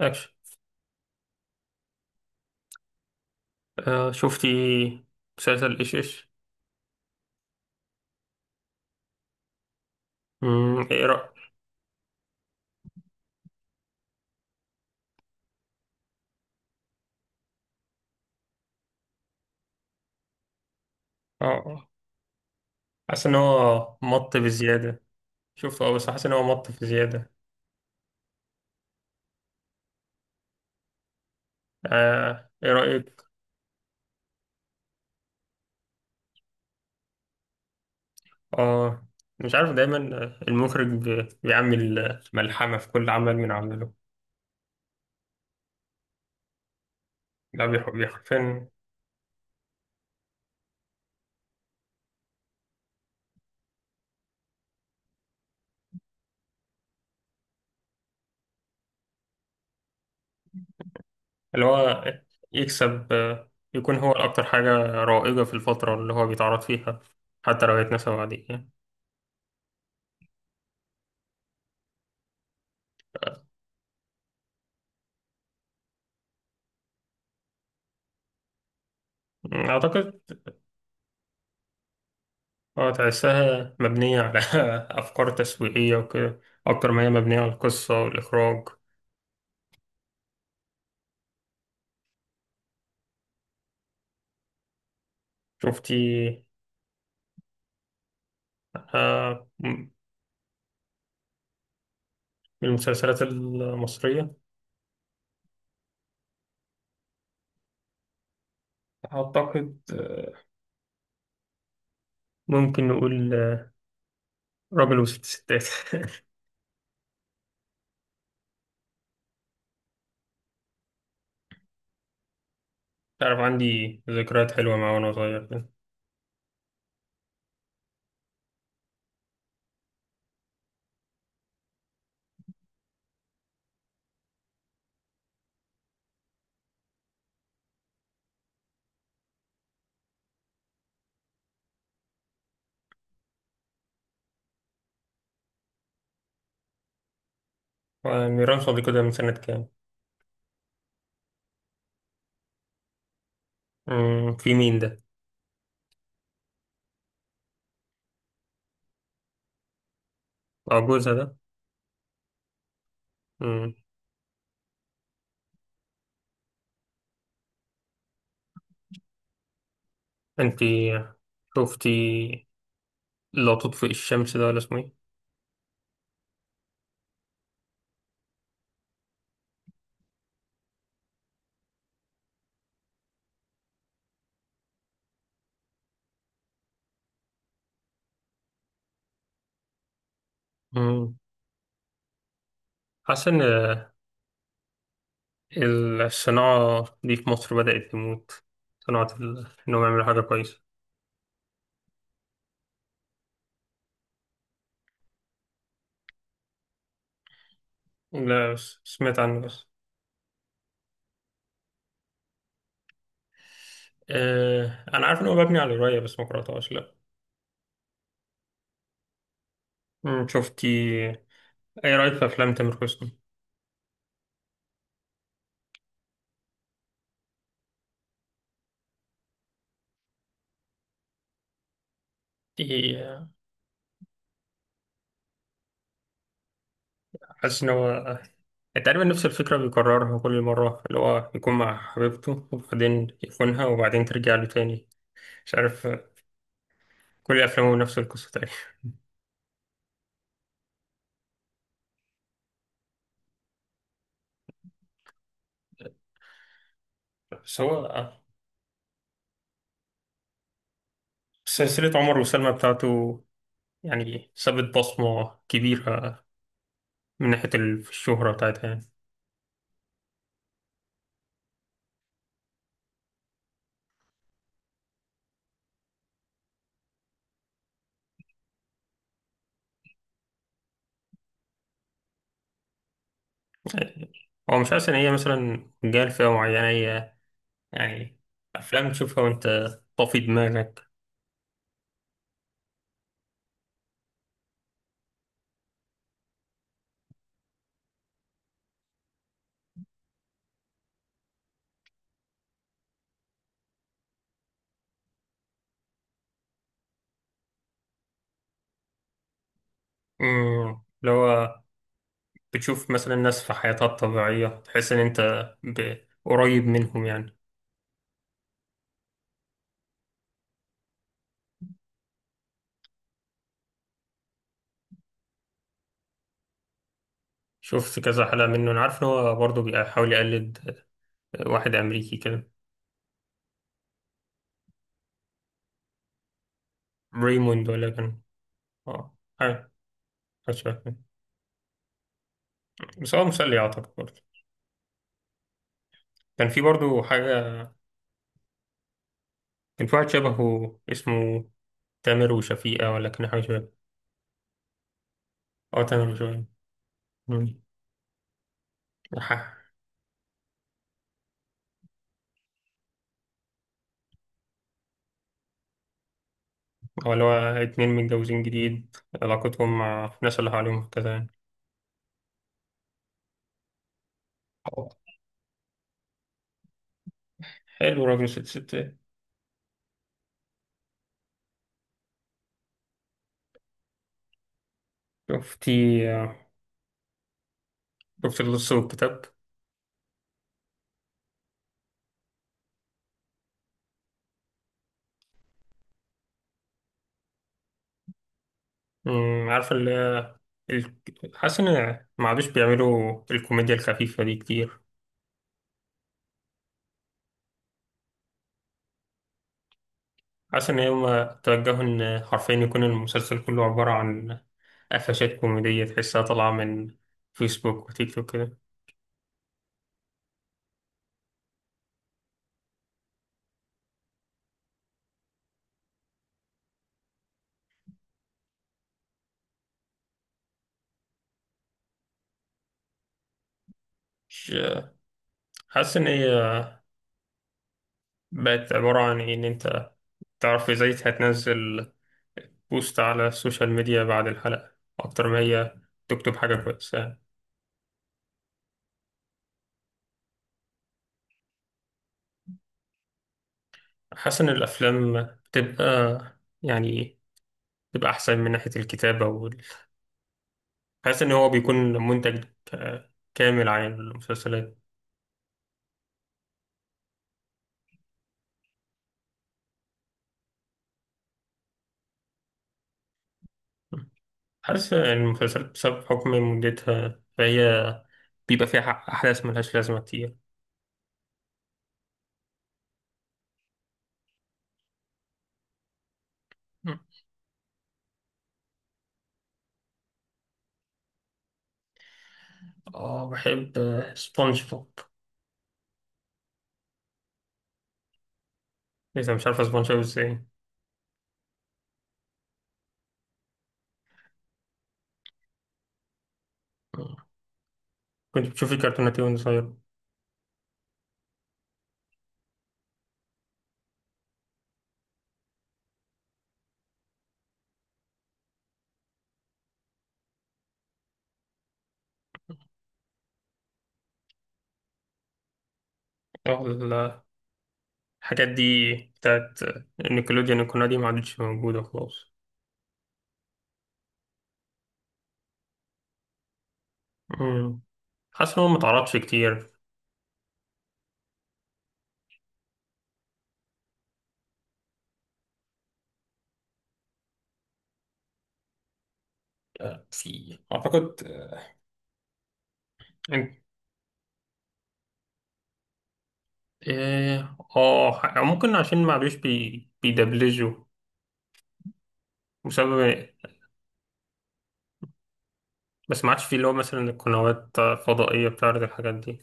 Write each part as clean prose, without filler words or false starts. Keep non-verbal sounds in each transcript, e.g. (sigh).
اكشن. شفتي مسلسل ايش؟ ايه رأيك؟ اه، حاسس ان هو مط بزيادة. شفته اه، بس حاسس ان هو مط بزيادة. ايه رأيك؟ اه، مش عارف. دايما المخرج بيعمل ملحمة في كل عمل من عمله ده. بيحفن. اللي هو يكسب، يكون هو أكتر حاجة رائجة في الفترة اللي هو بيتعرض فيها، حتى لو هيتنسى بعدين يعني. أعتقد. اه، تحسها مبنية على (laughs) أفكار تسويقية وكده أكتر ما هي مبنية على القصة والإخراج. شفتي؟ آه، من المسلسلات المصرية أعتقد، ممكن نقول، راجل وست ستات (laughs) تعرف عندي ذكريات حلوة معاه وأنا صغير كده. ميران صديقي ده من سنة كام؟ في مين ده؟ أه، جوزها ده؟ مم. أنتي شفتي لا تطفئ الشمس ده ولا اسمه إيه؟ مم. حاسس إن الصناعة دي في مصر بدأت تموت، صناعة إنهم يعملوا حاجة كويسة. لا، بس سمعت عنه بس. أه، أنا عارف إن هو مبني على رواية بس ما قرأتهاش، لأ. شفتي أي رأيك في أفلام تامر حسني؟ دي، حاسس إن هو تقريبا نفس الفكرة بيكررها كل مرة، اللي هو يكون مع حبيبته وبعدين يخونها وبعدين ترجع له تاني. مش عارف، كل أفلامه نفس القصة تقريبا. بس هو، سلسلة عمر وسلمى بتاعته يعني سابت بصمة كبيرة من ناحية الشهرة بتاعتها يعني. هو مش حاسس إن هي مثلا جاية لفئة معينة هي؟ يعني أفلام تشوفها وأنت طافي دماغك. أمم، اللي هو بتشوف مثلا ناس في حياتها الطبيعية تحس إن أنت ب- قريب منهم يعني. شفت كذا حلقة منه، أنا عارف إن هو برضه بيحاول يقلد واحد أمريكي كده. ريموند ولا كان؟ آه، حاجة. حاجة شبه كده. بس هو مسلي أعتقد برضه. كان في برضه حاجة. كان في واحد شبهه اسمه تامر وشفيقة، ولا كان حاجة شبه؟ اه، تامر وشفيقة. مم. ح- هو اللي هو اتنين متجوزين جديد، علاقتهم مع الناس اللي حواليهم كده يعني. حلو راجل ست ست. شفتي؟ شفت اللص والكتاب؟ عارفة ال- حاسس إن ما عادوش بيعملوا الكوميديا الخفيفة دي كتير. حاسس إن هما توجهوا إن حرفيا يكون المسلسل كله عبارة عن قفشات كوميدية تحسها طالعة من فيسبوك وتيك توك كده. مش حاسس إن هي بقت عبارة عن إيه؟ إن أنت تعرف إزاي هتنزل بوست على السوشيال ميديا بعد الحلقة، أكتر ما هي تكتب حاجة كويسة. حاسس إن الأفلام بتبقى يعني بتبقى أحسن من ناحية الكتابة وال... حاسس إن هو بيكون منتج كامل عن المسلسلات. حاسس إن المسلسلات بسبب حكم مدتها فهي بيبقى فيها أحداث ملهاش لازمة كتير. اه، بحب سبونج بوب. إذا مش عارفة سبونج بوب إزاي كنت بتشوف الكرتونات دي وأنت صغير؟ آه، ال- الحاجات دي بتاعت نيكلوديان، القناة دي ما عادتش موجودة خلاص. مم. حاسس إن هو ما اتعرضش كتير. في أعتقد إيه، ممكن عشان ما عادوش بيدبلجوا بسبب. بس ما عادش في اللي هو مثلا القنوات الفضائية بتعرض الحاجات دي.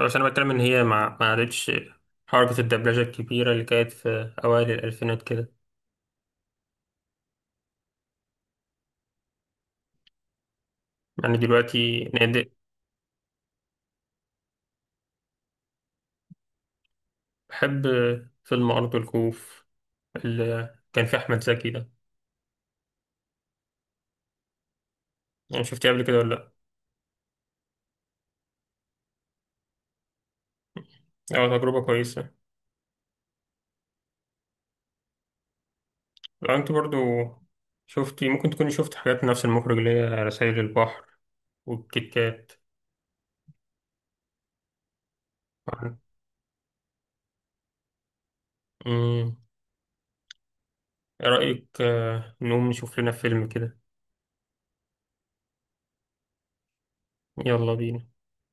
بس أنا بتكلم إن هي ما عادتش حركة الدبلجة الكبيرة اللي كانت في أوائل الألفينات كده، يعني دلوقتي. بحب فيلم أرض الخوف اللي كان فيه أحمد زكي ده. يعني شفتيه قبل كده ولا لأ؟ أه، تجربة كويسة. لو أنت برضو شفتي، ممكن تكوني شفت حاجات نفس المخرج اللي هي رسائل البحر والكيت كات. أمم، إيه رأيك، نقوم نشوف لنا فيلم كده؟ يلا بينا.